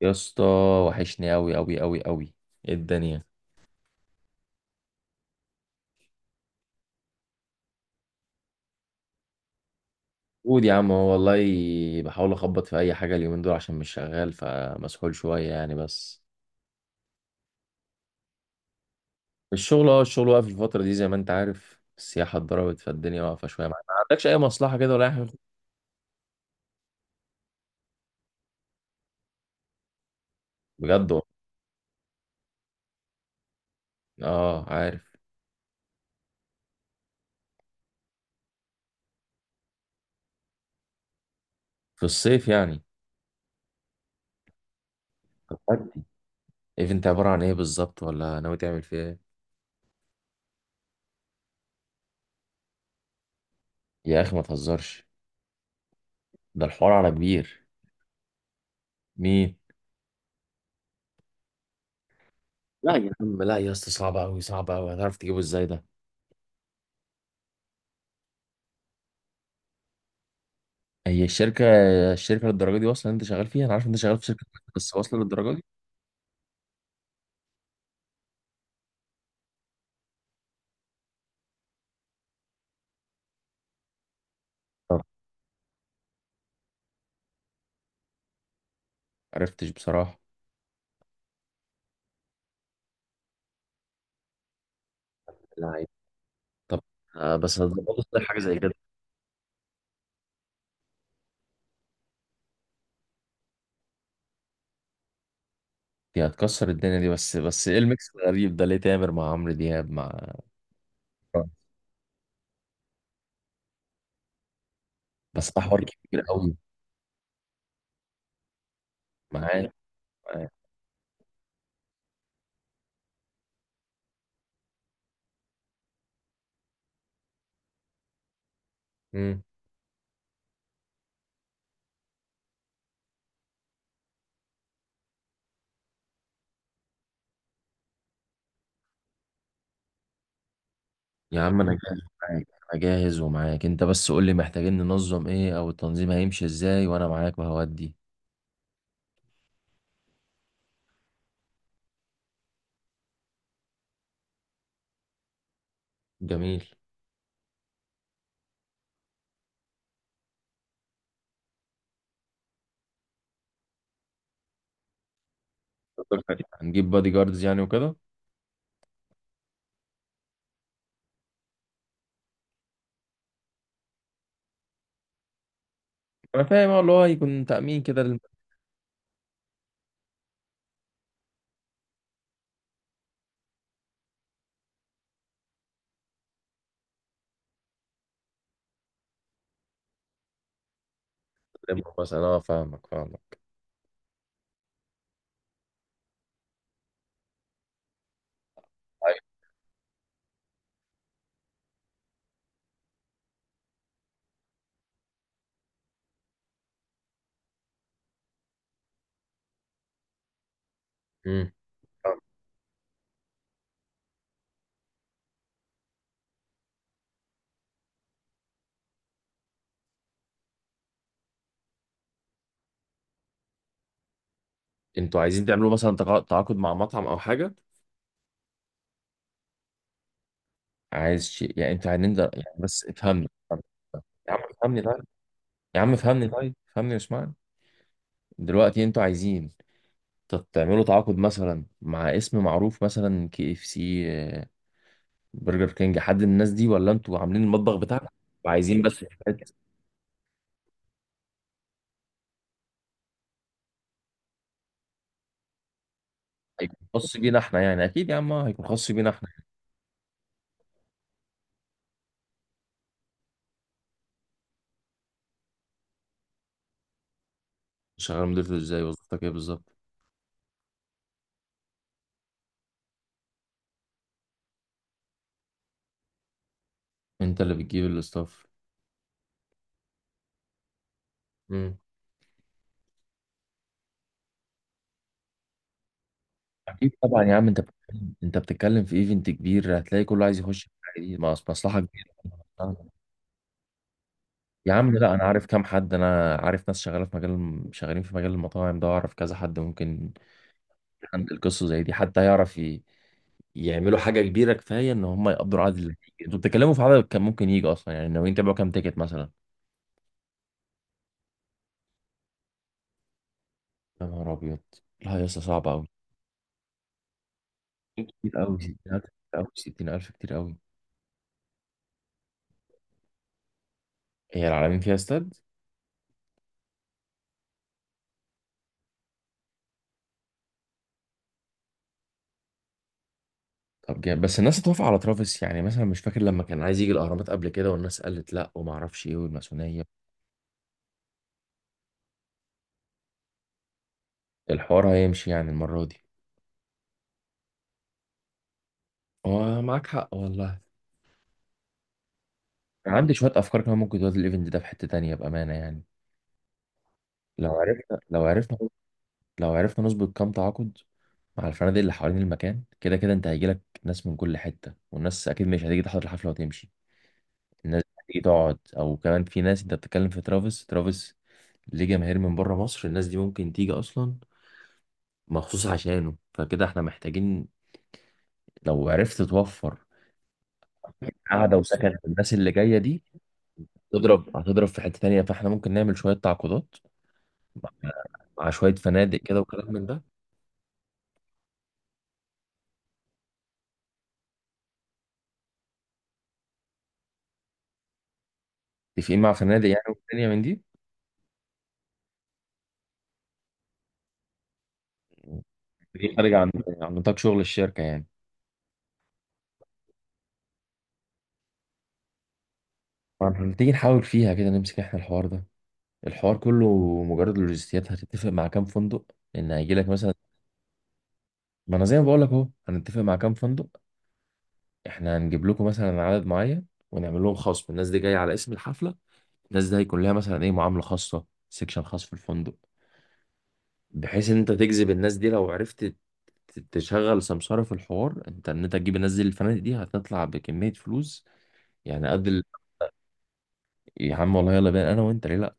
يا اسطى، وحشني قوي قوي قوي قوي. ايه الدنيا؟ قول يا عم، هو والله بحاول اخبط في اي حاجه اليومين دول عشان مش شغال، فمسحول شويه يعني. بس الشغل، اه الشغل واقف الفتره دي، زي ما انت عارف السياحه اتضربت، فالدنيا واقفه شويه. ما عندكش اي مصلحه كده ولا اي حاجه. بجد والله. اه عارف. في الصيف يعني؟ طب ودي. ايفنت عباره عن ايه بالظبط؟ ولا ناوي تعمل فيه ايه؟ يا اخي ما تهزرش، ده الحوار على كبير. مين؟ لا يا عم، لا يا اسطى، صعب قوي صعب قوي، هتعرف تجيبه ازاي ده؟ هي الشركة الشركة للدرجة دي واصلة إن أنت شغال فيها؟ أنا عارف إن أنت شغال في شركة، بس واصلة للدرجة دي؟ طب. معرفتش بصراحة. لعيب. طب آه، بس هتظبطوا ازاي حاجه زي كده؟ دي هتكسر الدنيا دي، بس بس إيه الميكس الغريب ده ليه؟ تامر مع عمرو دياب مع آه. بس ده حوار كبير قوي. معاك، معاك. مم. يا عم أنا جاهز معاك. أنا جاهز ومعاك أنت، بس قول لي محتاجين ننظم إيه، أو التنظيم هيمشي إزاي، وأنا معاك وهودي. جميل. هنجيب بادي جاردز يعني وكده؟ أنا فاهم، أه اللي هو يكون تأمين كده. لمه مثلا، اه فاهمك فاهمك. أيوة. امم، فاهمك. انتوا عايزين تعملوا مثلا تعاقد مع مطعم او حاجه؟ عايز شيء يعني انت، هننزل يعني، بس افهمني افهمني. يا عم افهمني طيب. يا عم افهمني طيب، افهمني واسمعني. دلوقتي انتوا عايزين تعملوا تعاقد مثلا مع اسم معروف، مثلا كي اف سي آه، برجر كينج، حد من الناس دي؟ ولا انتوا عاملين المطبخ بتاعكم وعايزين بس حاجات هيكون خاص بينا احنا يعني؟ اكيد يا عم، آه هيكون خاص بينا احنا. شغال مديرته ازاي؟ وظيفتك ايه بالظبط؟ انت اللي بتجيب الاستاف. اكيد طبعا يا عم، انت بتتكلم، انت بتتكلم في ايفنت كبير، هتلاقي كله عايز يخش في الحاجه دي، مصلحه كبيره. يا عم لا، انا عارف كام حد، انا عارف ناس شغاله في مجال، شغالين في مجال المطاعم ده، اعرف كذا حد ممكن عند القصه زي دي حتى يعرف ي... يعملوا حاجه كبيره كفايه ان هم يقدروا العدد اللي هيجي. انتوا بتتكلموا في عدد كان ممكن يجي اصلا، يعني ناويين تعملوا كام تيكت مثلا؟ يا نهار ابيض. لا يا اسطى، صعبه قوي. كتير قوي 60,000، كتير قوي 60,000، كتير قوي. هي العالمين فيها استاد؟ طب جامد، بس الناس اتوافق على ترافيس يعني؟ مثلا مش فاكر لما كان عايز يجي الاهرامات قبل كده، والناس قالت لا، وما اعرفش ايه والماسونيه. الحوار هيمشي يعني المره دي؟ هو معاك حق والله. أنا عندي شويه افكار كمان ممكن تودي الايفنت ده في حته تانية بامانه يعني. لو عرفنا لو عرفنا لو عرفنا نظبط كام تعاقد مع الفنادق اللي حوالين المكان، كده كده انت هيجيلك ناس من كل حته، والناس اكيد مش هتيجي تحضر الحفله وتمشي. الناس هتيجي تقعد. او كمان في ناس، انت بتتكلم في ترافيس، ترافيس ليه جماهير من بره مصر، الناس دي ممكن تيجي اصلا مخصوص عشانه. فكده احنا محتاجين، لو عرفت توفر قعدة وسكن للناس اللي جاية دي، تضرب هتضرب في حتة تانية. فاحنا ممكن نعمل شوية تعاقدات مع شوية فنادق كده وكلام من ده. متفقين مع فنادق يعني والدنيا من دي؟ دي خارج عن نطاق شغل الشركة يعني. فاحنا هنيجي نحاول فيها كده، نمسك احنا الحوار ده، الحوار كله. مجرد اللوجستيات هتتفق مع كام فندق ان هيجي لك مثلا. ما انا زي ما بقول لك اهو، هنتفق مع كام فندق، احنا هنجيب لكم مثلا عدد معين، ونعمل لهم خصم. الناس دي جايه على اسم الحفله، الناس دي هيكون لها مثلا ايه، معاملة خاصة، سيكشن خاص في الفندق، بحيث ان انت تجذب الناس دي. لو عرفت تشغل سمسارة في الحوار انت، ان انت تجيب الناس دي للفنادق دي، هتطلع بكمية فلوس يعني قد ال... يا عم والله يلا بينا انا وانت، ليه لا؟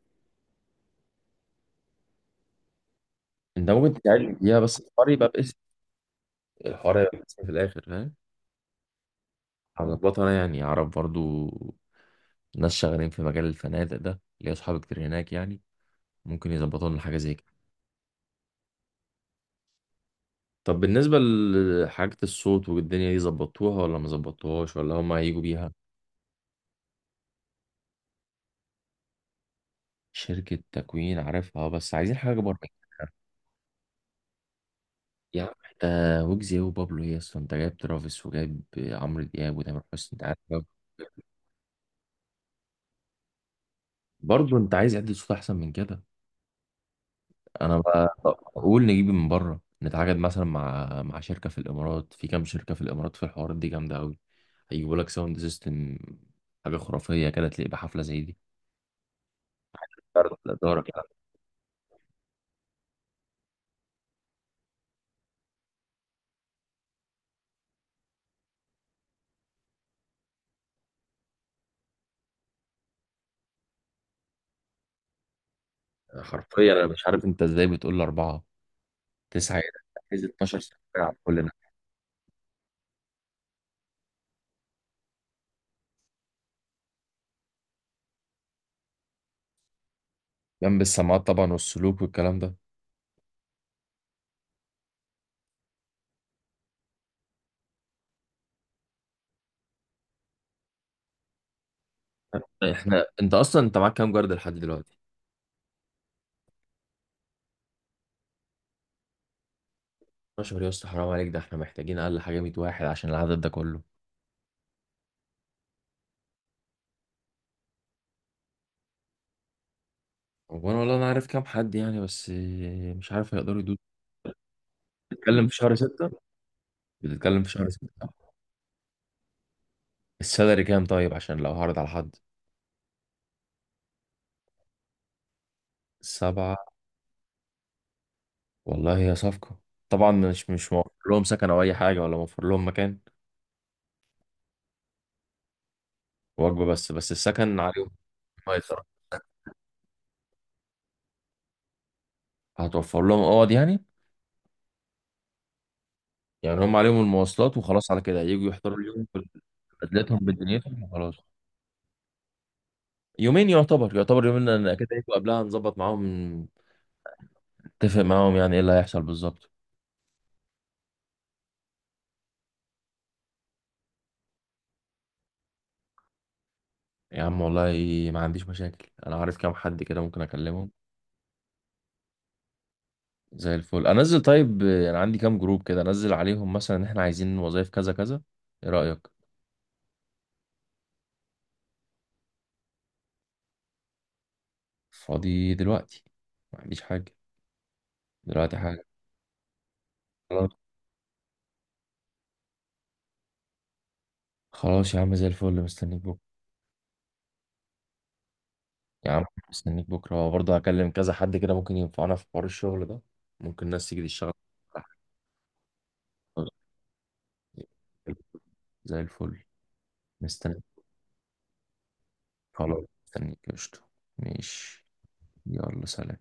انت ممكن تساعدني فيها، بس الحوار يبقى باسم، الحوار يبقى باسم في الاخر، فاهم؟ هظبطها انا يعني، اعرف برضو ناس شغالين في مجال الفنادق ده، ليا اصحاب كتير هناك يعني، ممكن يظبطوا لنا حاجة زي كده. طب بالنسبة لحاجة الصوت والدنيا دي، ظبطوها ولا ما ظبطوهاش؟ ولا هما هيجوا بيها؟ شركة تكوين عارفها آه، بس عايزين حاجة بره. يا عم انت، ويجز إيه وبابلو ايه اصلا، انت جايب ترافيس وجايب عمرو دياب وتامر حسني انت؟ عارف، برضه انت عايز عدة صوت احسن من كده. انا ب- بقول نجيب من بره، نتعاقد مثلا مع شركة في الامارات، في كام شركة في الامارات في الحوارات دي جامدة قوي، هيجيبوا لك ساوند سيستم حاجة خرافية كده، تلاقي بحفلة زي دي. لا دارك. حرفيا انا مش عارف انت ازاي بتقول اربعه، تسعه ايه؟ ده عايز 12 سنه على كلنا. جنب السماعات طبعا، والسلوك والكلام ده. احنا، انت اصلا انت معاك كام جارد لحد دلوقتي؟ 12 يا اسطى، حرام عليك، ده احنا محتاجين اقل حاجه 100 واحد عشان العدد ده كله. وانا والله، انا عارف كام حد يعني، بس مش عارف هيقدروا يدوس. بتتكلم في شهر 6، بتتكلم في شهر 6. السالري كام طيب، عشان لو هعرض على حد؟ سبعة؟ والله هي صفقة. طبعا مش مش موفر لهم سكن او اي حاجة، ولا موفر لهم مكان؟ وجبة بس، بس السكن عليهم. هتوفر لهم اوض يعني؟ يعني هم عليهم المواصلات وخلاص، على كده يجوا يحضروا اليوم. بدلتهم بدنيتهم وخلاص. يومين يعتبر، يعتبر يومين، لان اكيد هيجوا قبلها نظبط معاهم، نتفق معاهم يعني ايه اللي هيحصل بالظبط. يا عم والله ما عنديش مشاكل، انا عارف كام حد كده ممكن اكلمهم. زي الفل. انزل طيب، انا عندي كام جروب كده، انزل عليهم مثلا ان احنا عايزين وظايف كذا كذا، ايه رأيك؟ فاضي دلوقتي، ما عنديش حاجة. دلوقتي حاجة، خلاص، خلاص يا عم زي الفل، مستنيك بكرة. يا عم مستنيك بكرة، برضه هكلم كذا حد كده ممكن ينفعنا في حوار الشغل ده، ممكن ناس تيجي تشتغل. زي الفل. مستنيك. خلاص مستنيك، قشطة. ماشي. يلا سلام.